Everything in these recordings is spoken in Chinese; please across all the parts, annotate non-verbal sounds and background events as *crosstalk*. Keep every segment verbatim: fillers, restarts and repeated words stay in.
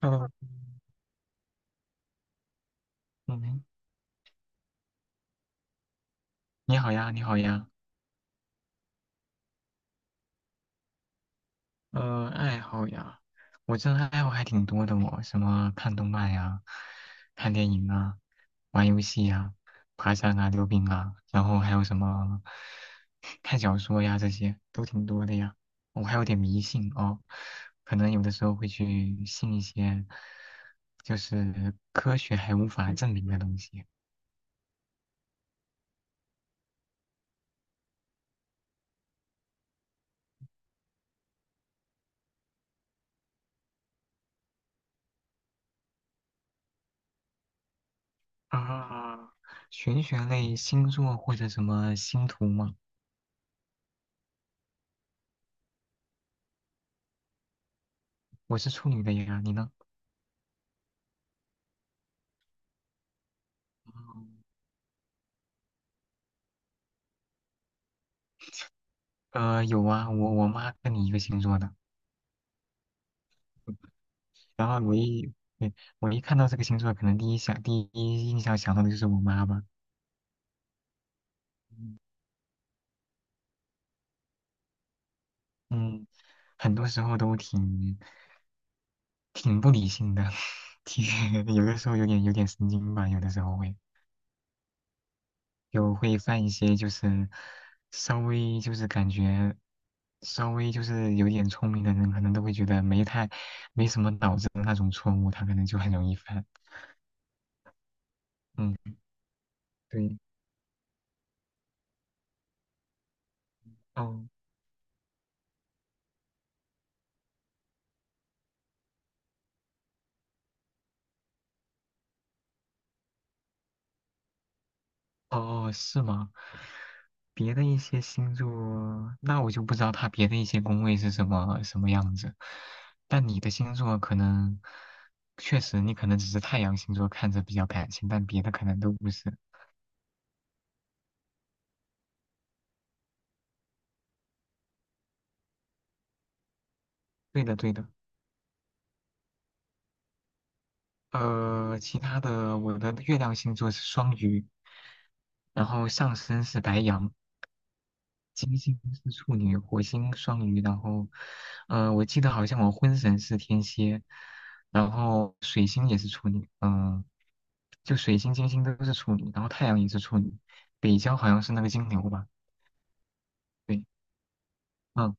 嗯嗯，你好呀，你好呀。呃，爱好呀，我这爱好还挺多的哦，什么看动漫呀，看电影啊，玩游戏呀，爬山啊，溜冰啊，然后还有什么看小说呀，这些都挺多的呀。我还有点迷信哦，可能有的时候会去信一些就是科学还无法证明的东西。啊，玄学类星座或者什么星图吗？我是处女的呀，你呢？呃，有啊，我我妈跟你一个星座的，然后我一对，我一看到这个星座，可能第一想第一印象想到的就是我妈吧。嗯，很多时候都挺挺不理性的，*laughs* 挺有的时候有点有点神经吧，有的时候会有会犯一些就是稍微就是感觉稍微就是有点聪明的人，可能都会觉得没太没什么脑子的那种错误，他可能就很容易犯。嗯，对，哦哦，是吗？别的一些星座，那我就不知道它别的一些宫位是什么什么样子。但你的星座可能确实，你可能只是太阳星座看着比较感性，但别的可能都不是。对的，对的。呃，其他的，我的月亮星座是双鱼，然后上升是白羊。金星是处女，火星双鱼，然后，呃，我记得好像我婚神是天蝎，然后水星也是处女，嗯、就水星、金星都是处女，然后太阳也是处女，北交好像是那个金牛吧？对，嗯，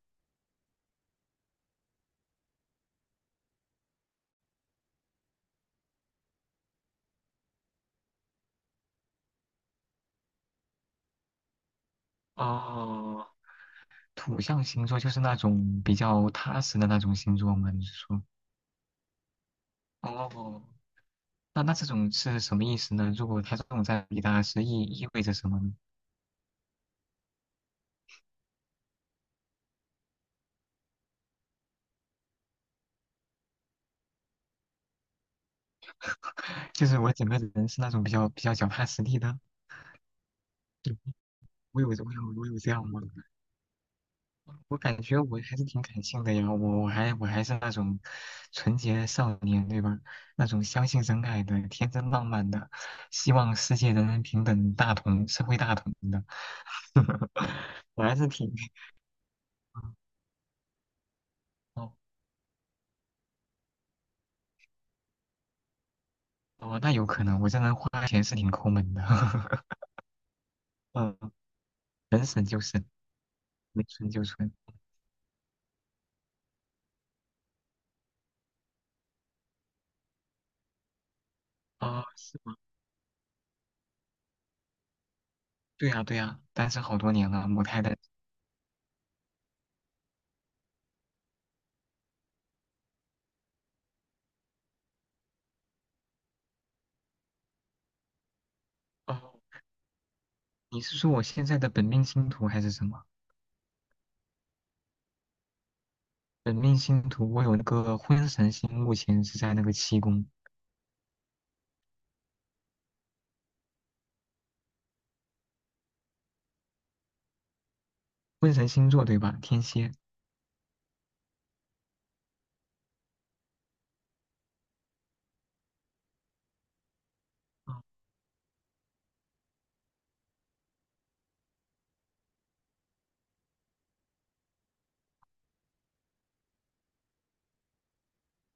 哦，土象星座就是那种比较踏实的那种星座吗？你是说？哦，那那这种是什么意思呢？如果他这种在比大，是意意味着什么呢？就是我整个人是那种比较比较脚踏实地的。我有我有我有这样吗？我感觉我还是挺感性的呀，我我还我还是那种纯洁少年，对吧？那种相信真爱的、天真浪漫的，希望世界人人平等、大同社会大同的。*laughs* 我还是挺……哦哦，那有可能，我这人花钱是挺抠门的。*laughs* 嗯，能省就省，能存就存。哦，是吗？对呀对呀，单身好多年了，母胎单身。哦，你是说我现在的本命星图还是什么？本命星图，我有那个婚神星，目前是在那个七宫，婚神星座对吧？天蝎。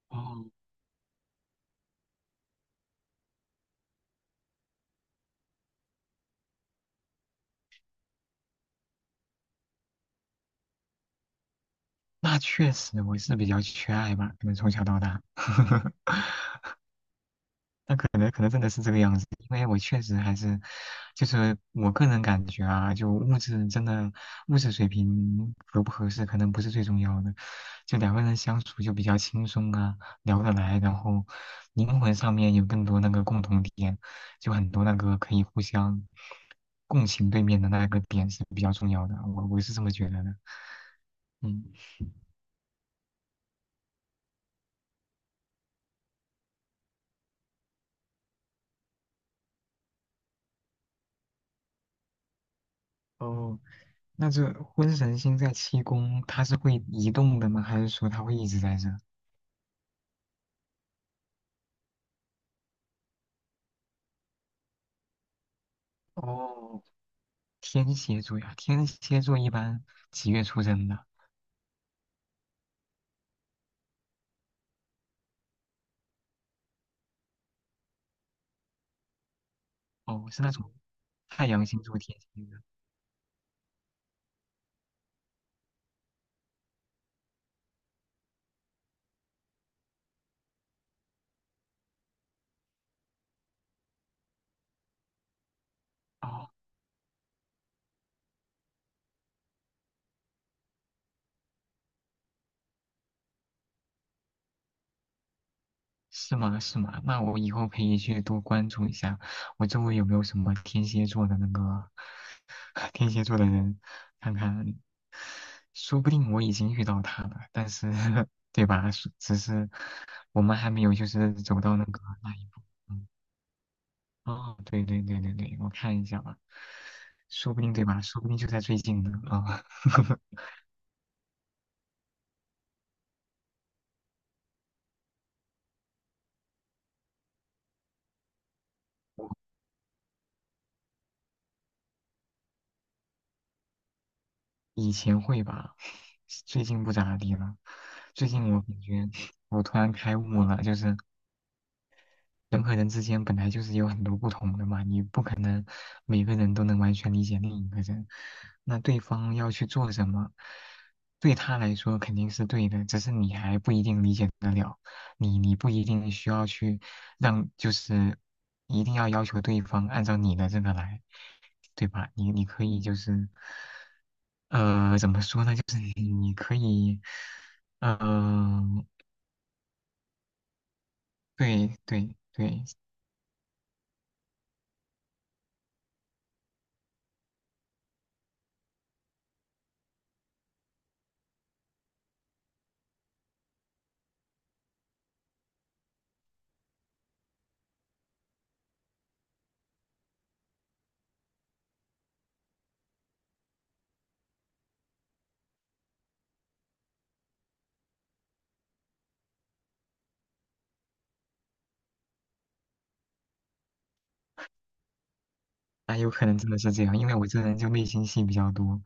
哦，那确实，我是比较缺爱吧，可能从小到大。*laughs* 那可能可能真的是这个样子，因为我确实还是，就是我个人感觉啊，就物质真的物质水平合不合适，可能不是最重要的，就两个人相处就比较轻松啊，聊得来，然后灵魂上面有更多那个共同点，就很多那个可以互相共情对面的那个点是比较重要的，我我是这么觉得的，嗯，哦，那这婚神星在七宫，它是会移动的吗？还是说它会一直在这？哦，天蝎座呀，天蝎座一般几月出生的？哦，是那种太阳星座天蝎的。哦，是吗？是吗？那我以后可以去多关注一下，我周围有没有什么天蝎座的那个 *laughs* 天蝎座的人，看看，说不定我已经遇到他了，但是 *laughs* 对吧？是只是我们还没有就是走到那个那一步。嗯哦，对对对对对，我看一下吧，说不定对吧？说不定就在最近呢啊，*laughs* 以前会吧，最近不咋地了。最近我感觉我突然开悟了，就是人和人之间本来就是有很多不同的嘛，你不可能每个人都能完全理解另一个人。那对方要去做什么，对他来说肯定是对的，只是你还不一定理解得了，你你不一定需要去让，就是一定要要求对方按照你的这个来，对吧？你你可以就是呃，怎么说呢？就是你你可以呃，对对对，哎，有可能真的是这样，因为我这人就内心戏比较多，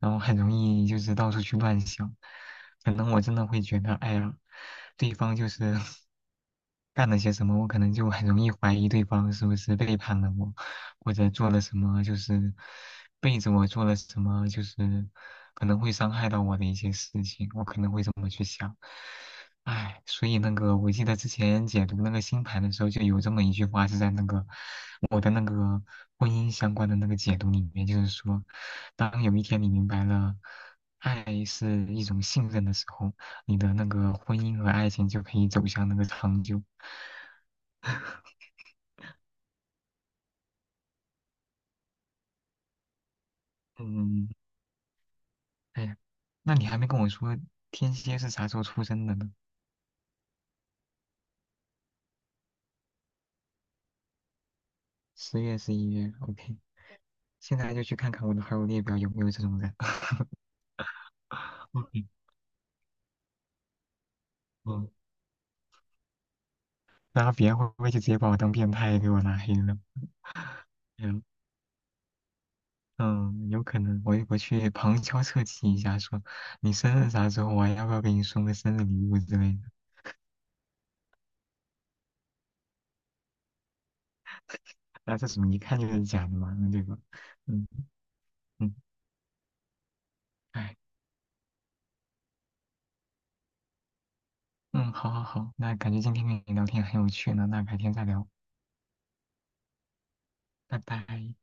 然后很容易就是到处去乱想，可能我真的会觉得，哎呀，对方就是 *laughs* 干了些什么，我可能就很容易怀疑对方是不是背叛了我，或者做了什么就是背着我做了什么，就是可能会伤害到我的一些事情，我可能会这么去想。唉，所以那个，我记得之前解读那个星盘的时候，就有这么一句话是在那个我的那个婚姻相关的那个解读里面，就是说，当有一天你明白了爱是一种信任的时候，你的那个婚姻和爱情就可以走向那个长久。嗯，哎呀，那你还没跟我说天蝎是啥时候出生的呢？十月、十一月，OK,现在就去看看我的好友列表有没有这种人。*laughs* OK,嗯。然后别人会不会就直接把我当变态给我拉黑了？嗯嗯，有可能，我我去旁敲侧击一下说，你生日啥时候我要不要给你送个生日礼物之类的？那这么一看就是假的嘛，对吧？嗯嗯，哎，嗯，好好好，那感觉今天跟你聊天很有趣呢，那改天再聊，拜拜。